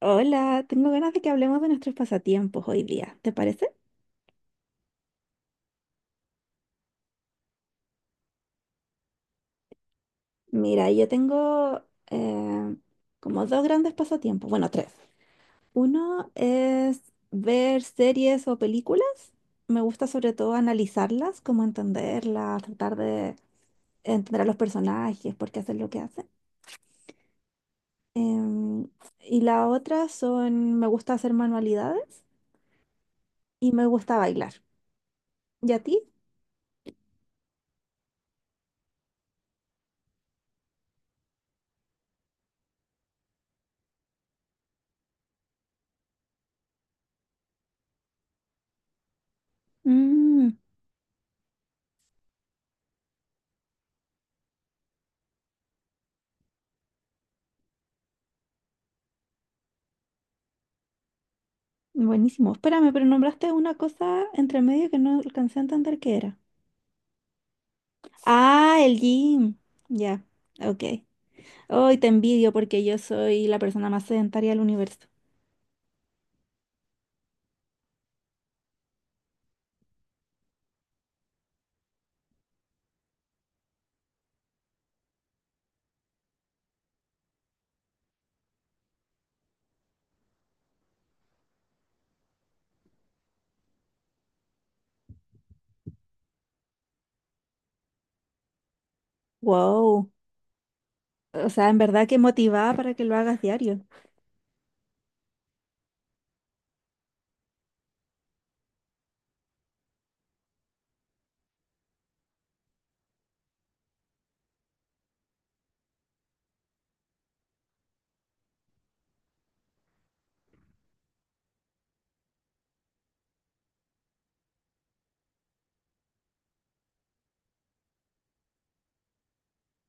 Hola, tengo ganas de que hablemos de nuestros pasatiempos hoy día, ¿te parece? Mira, yo tengo eh, como dos grandes pasatiempos, bueno, tres. Uno es ver series o películas. Me gusta sobre todo analizarlas, como entenderlas, tratar de entender a los personajes, por qué hacen lo que hacen. Em, y la otra son, me gusta hacer manualidades y me gusta bailar. ¿Y a ti? Mm. Buenísimo. Espérame, pero nombraste una cosa entre medio que no alcancé a entender qué era. Ah, el gym. Ya, ok. Hoy te envidio porque yo soy la persona más sedentaria del universo. Wow. O sea, en verdad que motivada para que lo hagas diario.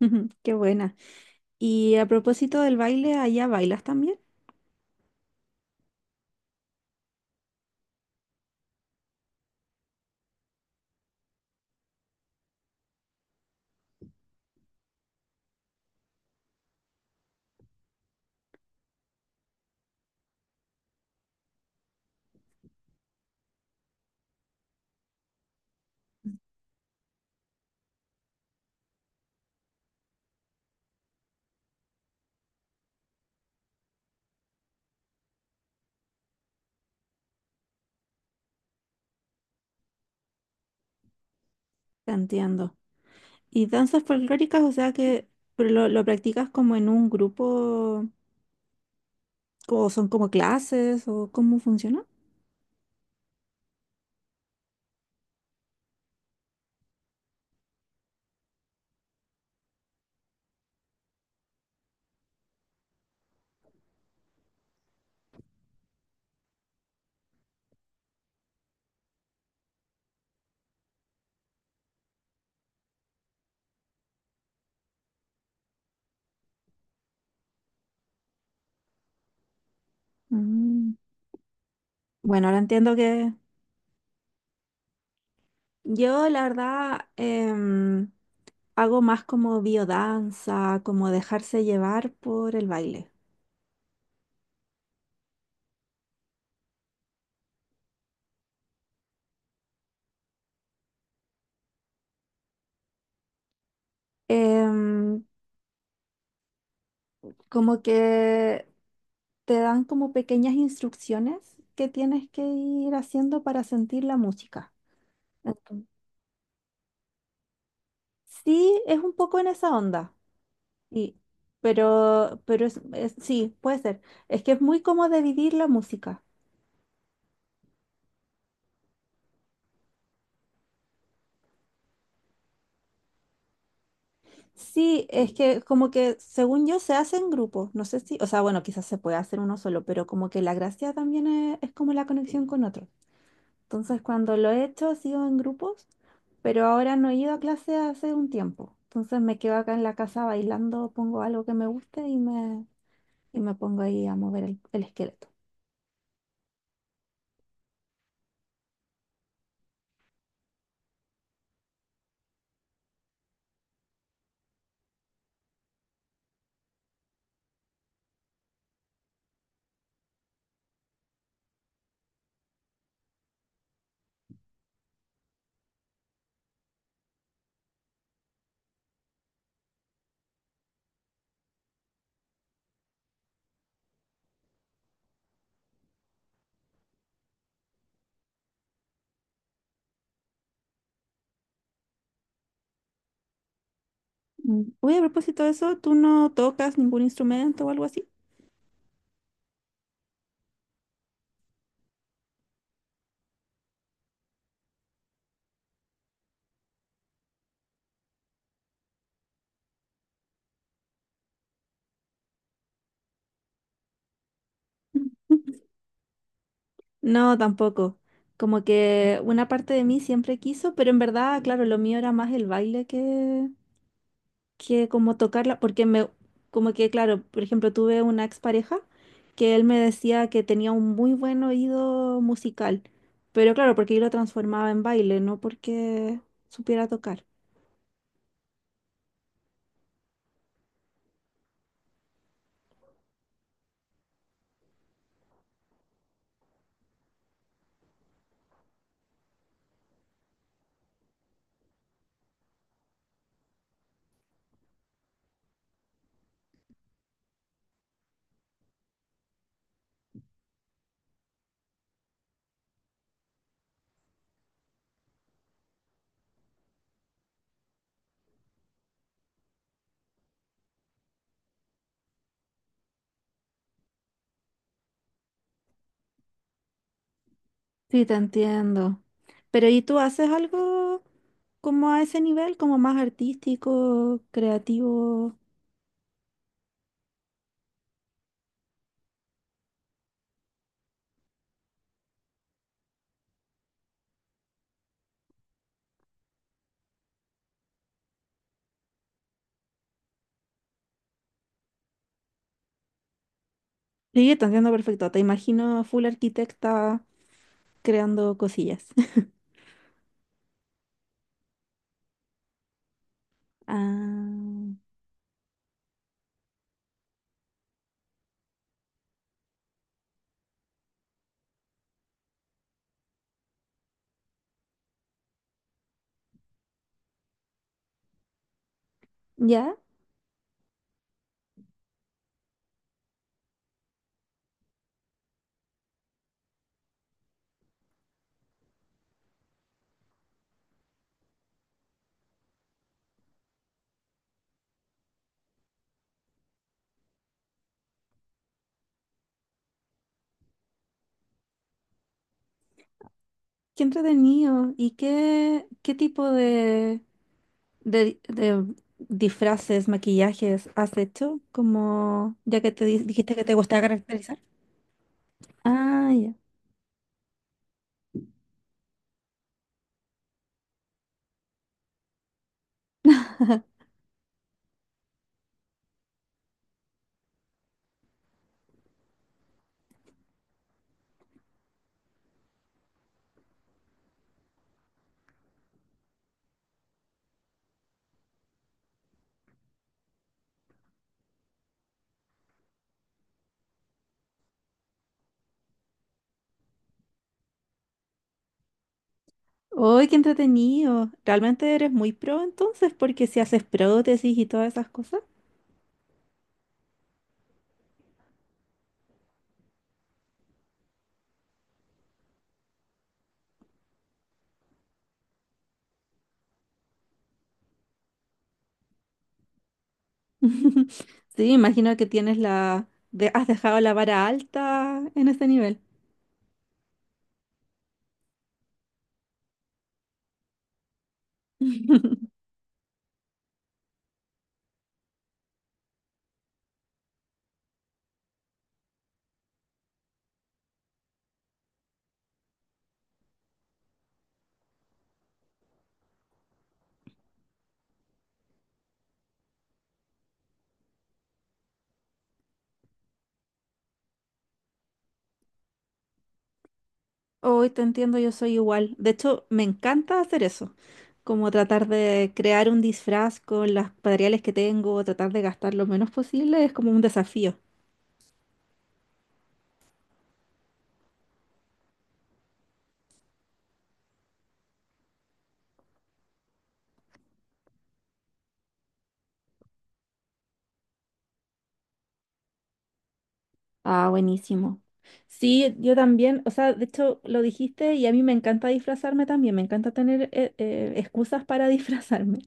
Qué buena. Y a propósito del baile, ¿allá bailas también? Te entiendo. ¿Y danzas folclóricas? O sea que pero lo practicas como en un grupo, ¿o son como clases, o cómo funciona? Mm. Bueno, ahora entiendo que yo, la verdad, hago más como biodanza, como dejarse llevar por el baile. Em, Como que te dan como pequeñas instrucciones que tienes que ir haciendo para sentir la música. Entonces, sí, es un poco en esa onda, sí, pero, sí, puede ser. Es que es muy como de vivir la música. Sí, es que como que según yo se hace en grupos, no sé si, o sea, bueno, quizás se puede hacer uno solo, pero como que la gracia también es como la conexión con otros. Entonces, cuando lo he hecho, ha sido en grupos, pero ahora no he ido a clase hace un tiempo. Entonces me quedo acá en la casa bailando, pongo algo que me guste y y me pongo ahí a mover el esqueleto. Mm. Oye, a propósito de eso, ¿tú no tocas ningún instrumento o algo así? No, tampoco. Como que una parte de mí siempre quiso, pero en verdad, claro, lo mío era más el baile que como tocarla, porque me, como que, claro, por ejemplo, tuve una expareja que él me decía que tenía un muy buen oído musical, pero claro, porque yo lo transformaba en baile, no porque supiera tocar. Sí, te entiendo. Pero ¿y tú haces algo como a ese nivel, como más artístico, creativo? Sí, te entiendo perfecto. Te imagino full arquitecta creando cosillas. Ah, ya, qué entretenido. ¿Y qué, qué tipo de disfraces, maquillajes has hecho? Como ya que dijiste que te gustaba caracterizar. Ah, ya. ¡Uy, qué entretenido! Realmente eres muy pro entonces, porque si haces prótesis y todas esas cosas. Sí, imagino que tienes has dejado la vara alta en este nivel. Hoy te entiendo, yo soy igual. De hecho, me encanta hacer eso, como tratar de crear un disfraz con los materiales que tengo, tratar de gastar lo menos posible, es como un desafío. Ah, buenísimo. Sí, yo también, o sea, de hecho lo dijiste y a mí me encanta disfrazarme también, me encanta tener excusas para disfrazarme.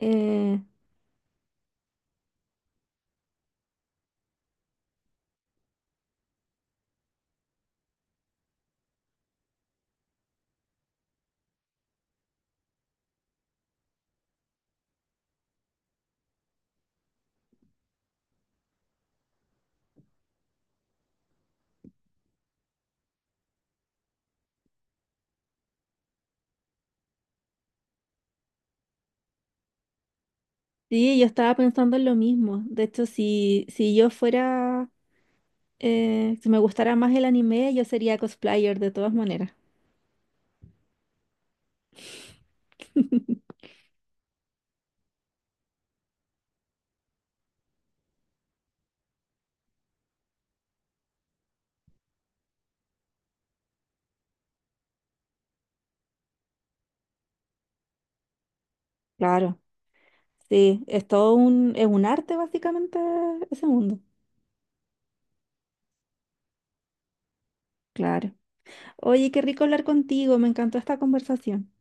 Eh, sí, yo estaba pensando en lo mismo. De hecho, si yo fuera, si me gustara más el anime, yo sería cosplayer de todas maneras. Claro. Sí, es todo un, es un arte básicamente ese mundo. Claro. Oye, qué rico hablar contigo, me encantó esta conversación.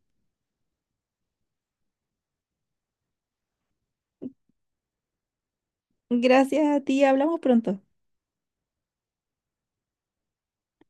Gracias a ti, hablamos pronto.